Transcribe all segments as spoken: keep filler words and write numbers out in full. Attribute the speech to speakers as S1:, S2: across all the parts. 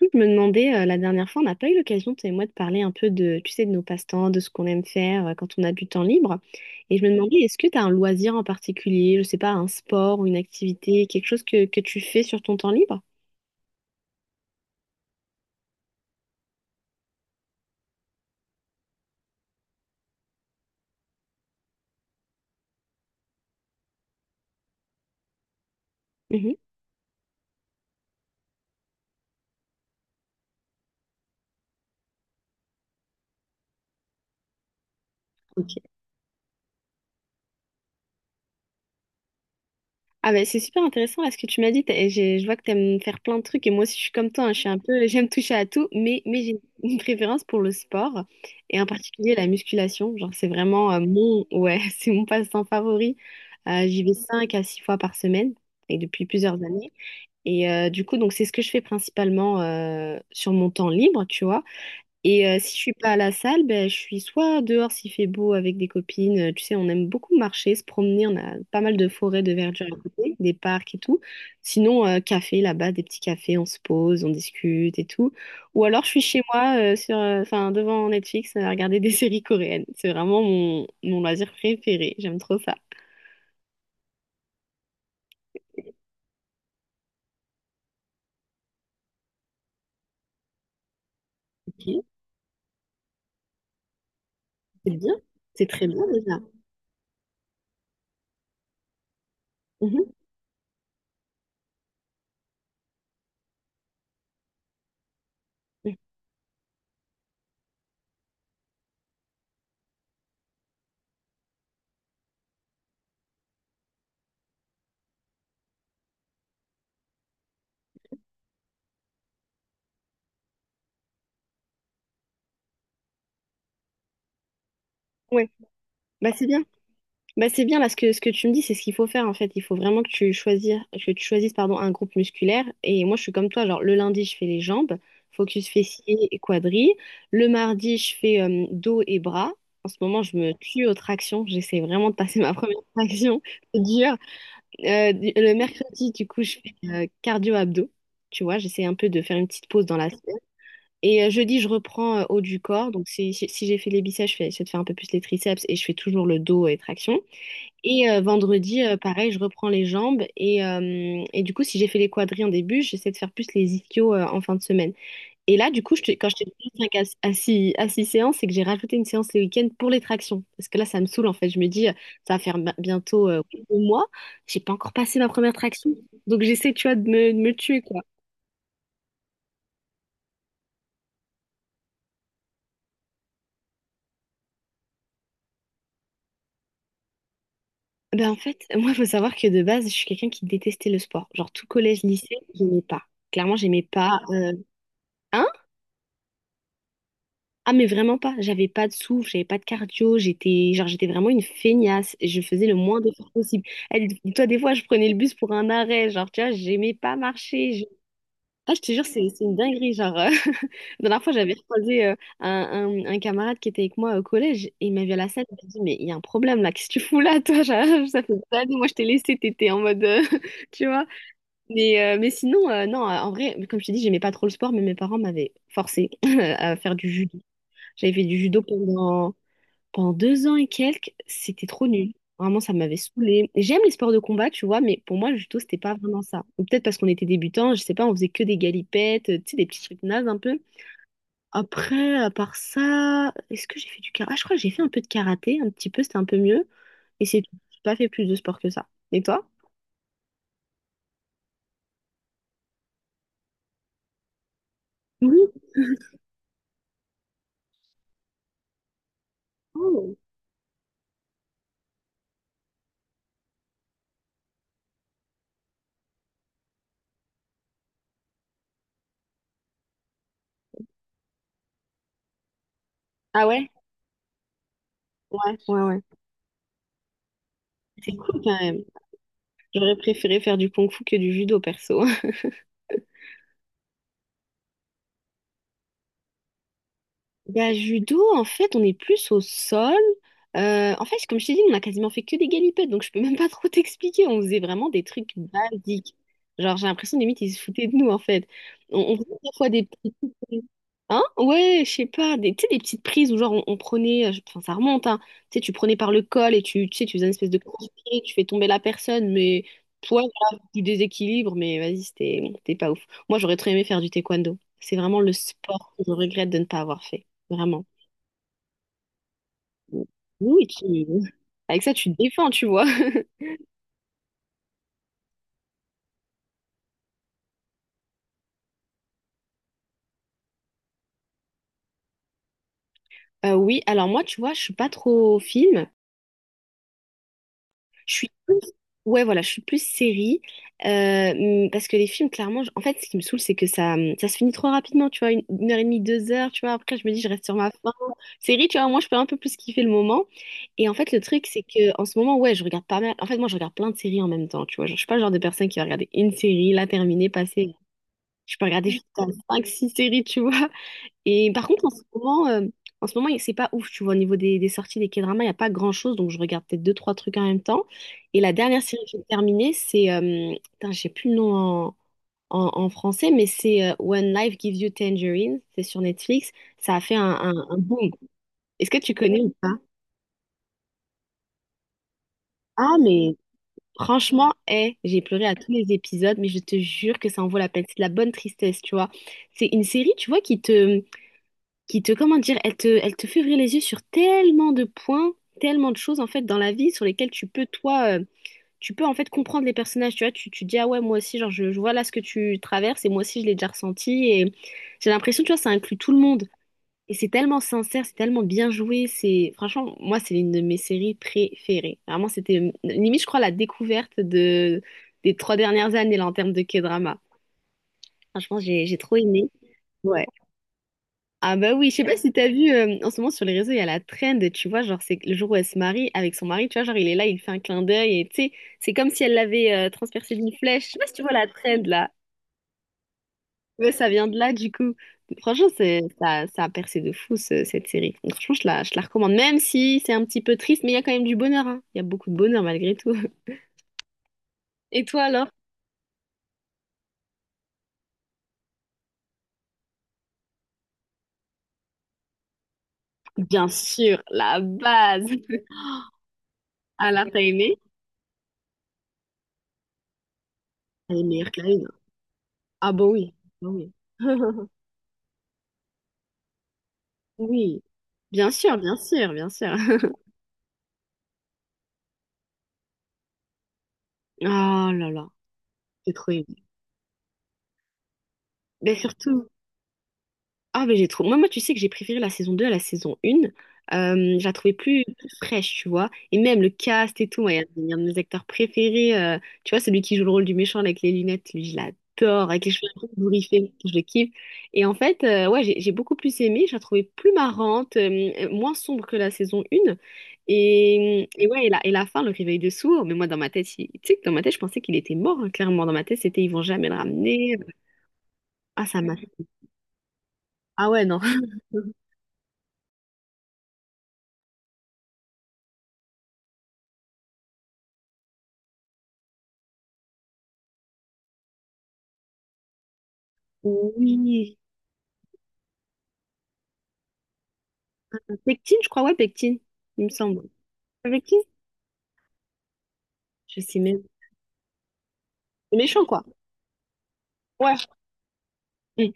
S1: Je me demandais, euh, la dernière fois, on n'a pas eu l'occasion, toi et moi, de parler un peu de, tu sais, de nos passe-temps, de ce qu'on aime faire euh, quand on a du temps libre. Et je me demandais, est-ce que tu as un loisir en particulier, je sais pas, un sport ou une activité, quelque chose que, que tu fais sur ton temps libre? Mhm. Ok. Ah ben, c'est super intéressant là ce que tu m'as dit. T'as- j'ai- Je vois que tu aimes faire plein de trucs et moi aussi je suis comme toi, hein, je suis un peu, j'aime toucher à tout, mais, mais j'ai une préférence pour le sport et en particulier la musculation. Genre c'est vraiment euh, mon ouais, c'est mon passe-temps favori. Euh, j'y vais cinq à six fois par semaine et depuis plusieurs années. Et euh, du coup donc c'est ce que je fais principalement euh, sur mon temps libre, tu vois. Et euh, si je suis pas à la salle, ben, je suis soit dehors s'il fait beau avec des copines. Euh, Tu sais, on aime beaucoup marcher, se promener. On a pas mal de forêts, de verdure à côté, des parcs et tout. Sinon, euh, café là-bas, des petits cafés, on se pose, on discute et tout. Ou alors, je suis chez moi euh, sur, euh, enfin, devant Netflix euh, à regarder des séries coréennes. C'est vraiment mon, mon loisir préféré. J'aime trop ça. Ok, c'est bien. C'est très bien déjà. Mhm. Ouais. Bah, c'est bien. Bah, c'est bien là ce que, ce que tu me dis, c'est ce qu'il faut faire en fait. Il faut vraiment que tu choisisses, que tu choisisses pardon, un groupe musculaire. Et moi, je suis comme toi. Genre, le lundi, je fais les jambes, focus fessiers et quadris. Le mardi, je fais euh, dos et bras. En ce moment, je me tue aux tractions. J'essaie vraiment de passer ma première traction. C'est dur. Euh, du- le mercredi, du coup, je fais euh, cardio-abdos. Tu vois, j'essaie un peu de faire une petite pause dans la semaine. Et euh, jeudi, je reprends euh, haut du corps. Donc, si, si si j'ai fait les biceps, je fais, j'essaie de faire un peu plus les triceps et je fais toujours le dos et traction. Et euh, vendredi, euh, pareil, je reprends les jambes. Et, euh, et du coup, si j'ai fait les quadris en début, j'essaie de faire plus les ischios euh, en fin de semaine. Et là, du coup, je te- quand je t'ai dit cinq à, à six, à six séances, c'est que j'ai rajouté une séance le week-end pour les tractions. Parce que là, ça me saoule, en fait. Je me dis, euh, ça va faire ma- bientôt euh, oui, deux mois. J'ai pas encore passé ma première traction. Donc, j'essaie, tu vois, de me, de me tuer, quoi. Ben, en fait, moi, il faut savoir que de base, je suis quelqu'un qui détestait le sport. Genre, tout collège, lycée, j'aimais pas. Clairement, j'aimais pas. euh, hein. Ah mais vraiment pas, j'avais pas de souffle, j'avais pas de cardio, j'étais genre j'étais vraiment une feignasse, et je faisais le moins d'efforts possible. Elle, toi des fois je prenais le bus pour un arrêt, genre tu vois, j'aimais pas marcher. je- Ah je te jure c'est c'est une dinguerie, genre euh, la dernière fois j'avais croisé euh, un, un- un camarade qui était avec moi au collège et il m'a vu à la scène, il m'a dit mais il y a un problème là, qu'est-ce que tu fous là toi? Genre, ça fait des années, moi je t'ai laissé, t'étais en mode euh, tu vois. Mais euh, mais sinon euh, non, en vrai comme je t'ai dit, j'aimais pas trop le sport mais mes parents m'avaient forcé à faire du judo. J'avais fait du judo pendant, pendant deux ans et quelques. C'était trop nul. Vraiment, ça m'avait saoulée. J'aime les sports de combat, tu vois, mais pour moi, le judo, c'était pas vraiment ça. Ou peut-être parce qu'on était débutants, je sais pas, on faisait que des galipettes, euh, tu sais, des petits trucs nazes un peu. Après, à part ça, est-ce que j'ai fait du karaté? Ah, je crois que j'ai fait un peu de karaté, un petit peu, c'était un peu mieux. Et c'est tout. J'ai pas fait plus de sport que ça. Et toi? Oui. Oh. Ah ouais? Ouais, ouais, ouais. C'est cool quand même. J'aurais préféré faire du kung-fu que du judo, perso. Bah, judo, en fait, on est plus au sol. Euh, en fait, comme je t'ai dit, on a quasiment fait que des galipettes, donc je peux même pas trop t'expliquer. On faisait vraiment des trucs basiques. Genre, j'ai l'impression, limite, ils se foutaient de nous, en fait. On, on faisait des fois des petits... Hein? Ouais, je sais pas, des, tu sais, des petites prises où, genre, on, on prenait... euh, je- Enfin, ça remonte, hein. Tu sais, tu prenais par le col et tu, tu sais, tu faisais une espèce de crochet, tu fais tomber la personne, mais... Toi, voilà, du déséquilibre, mais vas-y, c'était c'était pas ouf. Moi, j'aurais très aimé faire du taekwondo. C'est vraiment le sport que je regrette de ne pas avoir fait. Vraiment. Oui, tu... avec ça, tu te défends, tu vois. Euh, oui, alors moi, tu vois, je suis pas trop film. Je suis plus... Ouais, voilà, je suis plus série. Euh, hum, parce que les films, clairement, je- en fait, ce qui me saoule, c'est que ça, hum, ça se finit trop rapidement, tu vois, une, une heure et demie, deux heures, tu vois. Après, je me dis, je reste sur ma faim. Série, tu vois, moi, je peux un peu plus kiffer le moment. Et en fait, le truc, c'est que en ce moment, ouais, je regarde pas mal. En fait, moi, je regarde plein de séries en même temps, tu vois. Genre, je suis pas le genre de personne qui va regarder une série, la terminer, passer. Je peux regarder jusqu'à cinq six séries, tu vois. Et par contre, en ce moment, euh, en ce moment, c'est pas ouf, tu vois, au niveau des, des sorties des K-dramas, il n'y a pas grand-chose, donc je regarde peut-être deux, trois trucs en même temps. Et la dernière série que j'ai terminée, c'est, euh, putain, j'ai plus le nom en, en- en français, mais c'est euh, When Life Gives You Tangerine, c'est sur Netflix, ça a fait un, un- un boom. Est-ce que tu connais ou pas? Ah, mais franchement, hé, j'ai pleuré à tous les épisodes, mais je te jure que ça en vaut la peine. C'est de la bonne tristesse, tu vois. C'est une série, tu vois, qui te qui te, comment dire, elle te, elle te fait ouvrir les yeux sur tellement de points, tellement de choses en fait dans la vie sur lesquelles tu peux toi, euh, tu peux en fait comprendre les personnages, tu vois, tu, tu dis ah ouais moi aussi genre je, je vois là ce que tu traverses et moi aussi je l'ai déjà ressenti et j'ai l'impression tu vois ça inclut tout le monde et c'est tellement sincère, c'est tellement bien joué, c'est franchement moi c'est l'une de mes séries préférées. Vraiment c'était euh, limite je crois la découverte de des trois dernières années là en termes de K-drama. Franchement j'ai j'ai trop aimé. Ouais. Ah bah oui, je sais pas si t'as vu, euh, en ce moment sur les réseaux, il y a la trend, tu vois, genre c'est le jour où elle se marie avec son mari, tu vois, genre il est là, il fait un clin d'œil et tu sais, c'est comme si elle l'avait euh, transpercé d'une flèche. Je sais pas si tu vois la trend là, mais ça vient de là du coup. Franchement, c'est, ça, ça a percé de fou ce- cette série. Donc, franchement, je la, je la recommande, même si c'est un petit peu triste, mais il y a quand même du bonheur, hein. Il y a beaucoup de bonheur malgré tout. Et toi alors? Bien sûr, la base. Alors, t'as aimé? Elle est meilleure qu'Arine. Ah bah oui, bah oui. Oui, bien sûr, bien sûr, bien sûr. Oh là là, c'est trop aimé. Mais surtout, Ah, mais j'ai trop. Moi, moi, tu sais que j'ai préféré la saison deux à la saison une. Euh, je la trouvais plus, plus fraîche, tu vois. Et même le cast et tout. Moi, il y a il y a un de mes acteurs préférés. euh, tu vois, celui qui joue le rôle du méchant avec les lunettes, lui, je l'adore. Avec les cheveux un peu bourriffés, je le kiffe. Et en fait, euh, ouais, j'ai j'ai beaucoup plus aimé. Je la trouvais plus marrante, euh, euh, moins sombre que la saison une. Et, et ouais, et la, et la fin, le réveil de sourd. Mais moi, dans ma tête, il- tu sais que dans ma tête, je pensais qu'il était mort. Hein, clairement, dans ma tête, c'était ils vont jamais le ramener. Ah, ça m'a. Ah ouais, non. Oui, Pectine, je crois, ouais, pectine, il me semble. Avec qui? Je sais même. C'est méchant, quoi. Ouais. Mm.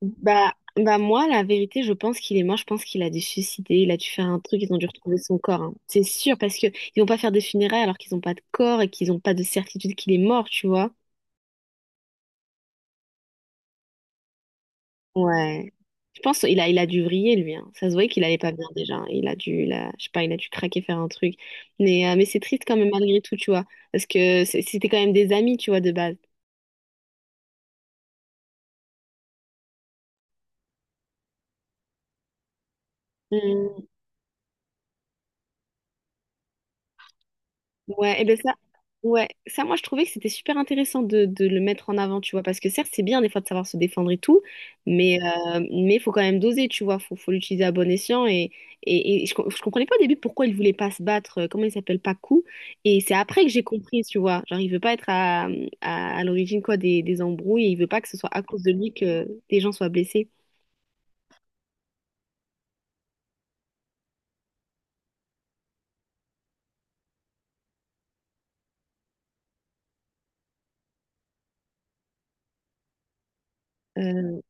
S1: Bah, bah, moi, la vérité, je pense qu'il est mort. Je pense qu'il a dû se suicider. Il a dû faire un truc. Ils ont dû retrouver son corps. Hein. C'est sûr, parce que ils vont pas faire des funérailles alors qu'ils ont pas de corps et qu'ils ont pas de certitude qu'il est mort, tu vois. Ouais. Je pense qu'il a, il a dû vriller, lui. Hein. Ça se voyait qu'il allait pas bien déjà. Hein. Il a dû, il a- je sais pas, il a dû craquer, faire un truc. Mais, euh, mais c'est triste quand même, malgré tout, tu vois. Parce que c'est- c'était quand même des amis, tu vois, de base. Ouais, et ben ça, ouais, ça, moi, je trouvais que c'était super intéressant de, de le mettre en avant, tu vois, parce que certes, c'est bien des fois de savoir se défendre et tout, mais euh, mais faut quand même doser, tu vois, faut, faut l'utiliser à bon escient. Et, et, et je, com- je comprenais pas au début pourquoi il voulait pas se battre, euh, comment il s'appelle, Pacu, et c'est après que j'ai compris, tu vois, genre, il veut pas être à, à, à l'origine, quoi, des, des embrouilles, et il veut pas que ce soit à cause de lui que des gens soient blessés. Euh,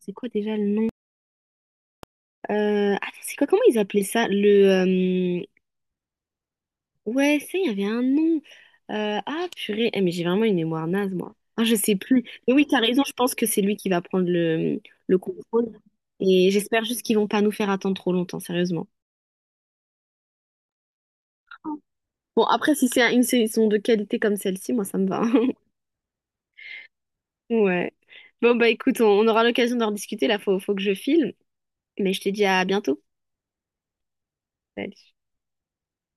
S1: c'est quoi déjà le nom? Euh, attends, c'est quoi, comment ils appelaient ça? Le, euh, Ouais, ça, il y avait un nom. Euh, ah, purée. Eh, mais j'ai vraiment une mémoire naze, moi. Ah, je sais plus. Mais oui, t'as raison, je pense que c'est lui qui va prendre le, le contrôle. Et j'espère juste qu'ils vont pas nous faire attendre trop longtemps, sérieusement. Bon, après, si c'est une saison de qualité comme celle-ci, moi, ça me va. Ouais. Bon, bah écoute, on, on aura l'occasion d'en discuter. Là, faut, faut que je file. Mais je te dis à bientôt. Salut.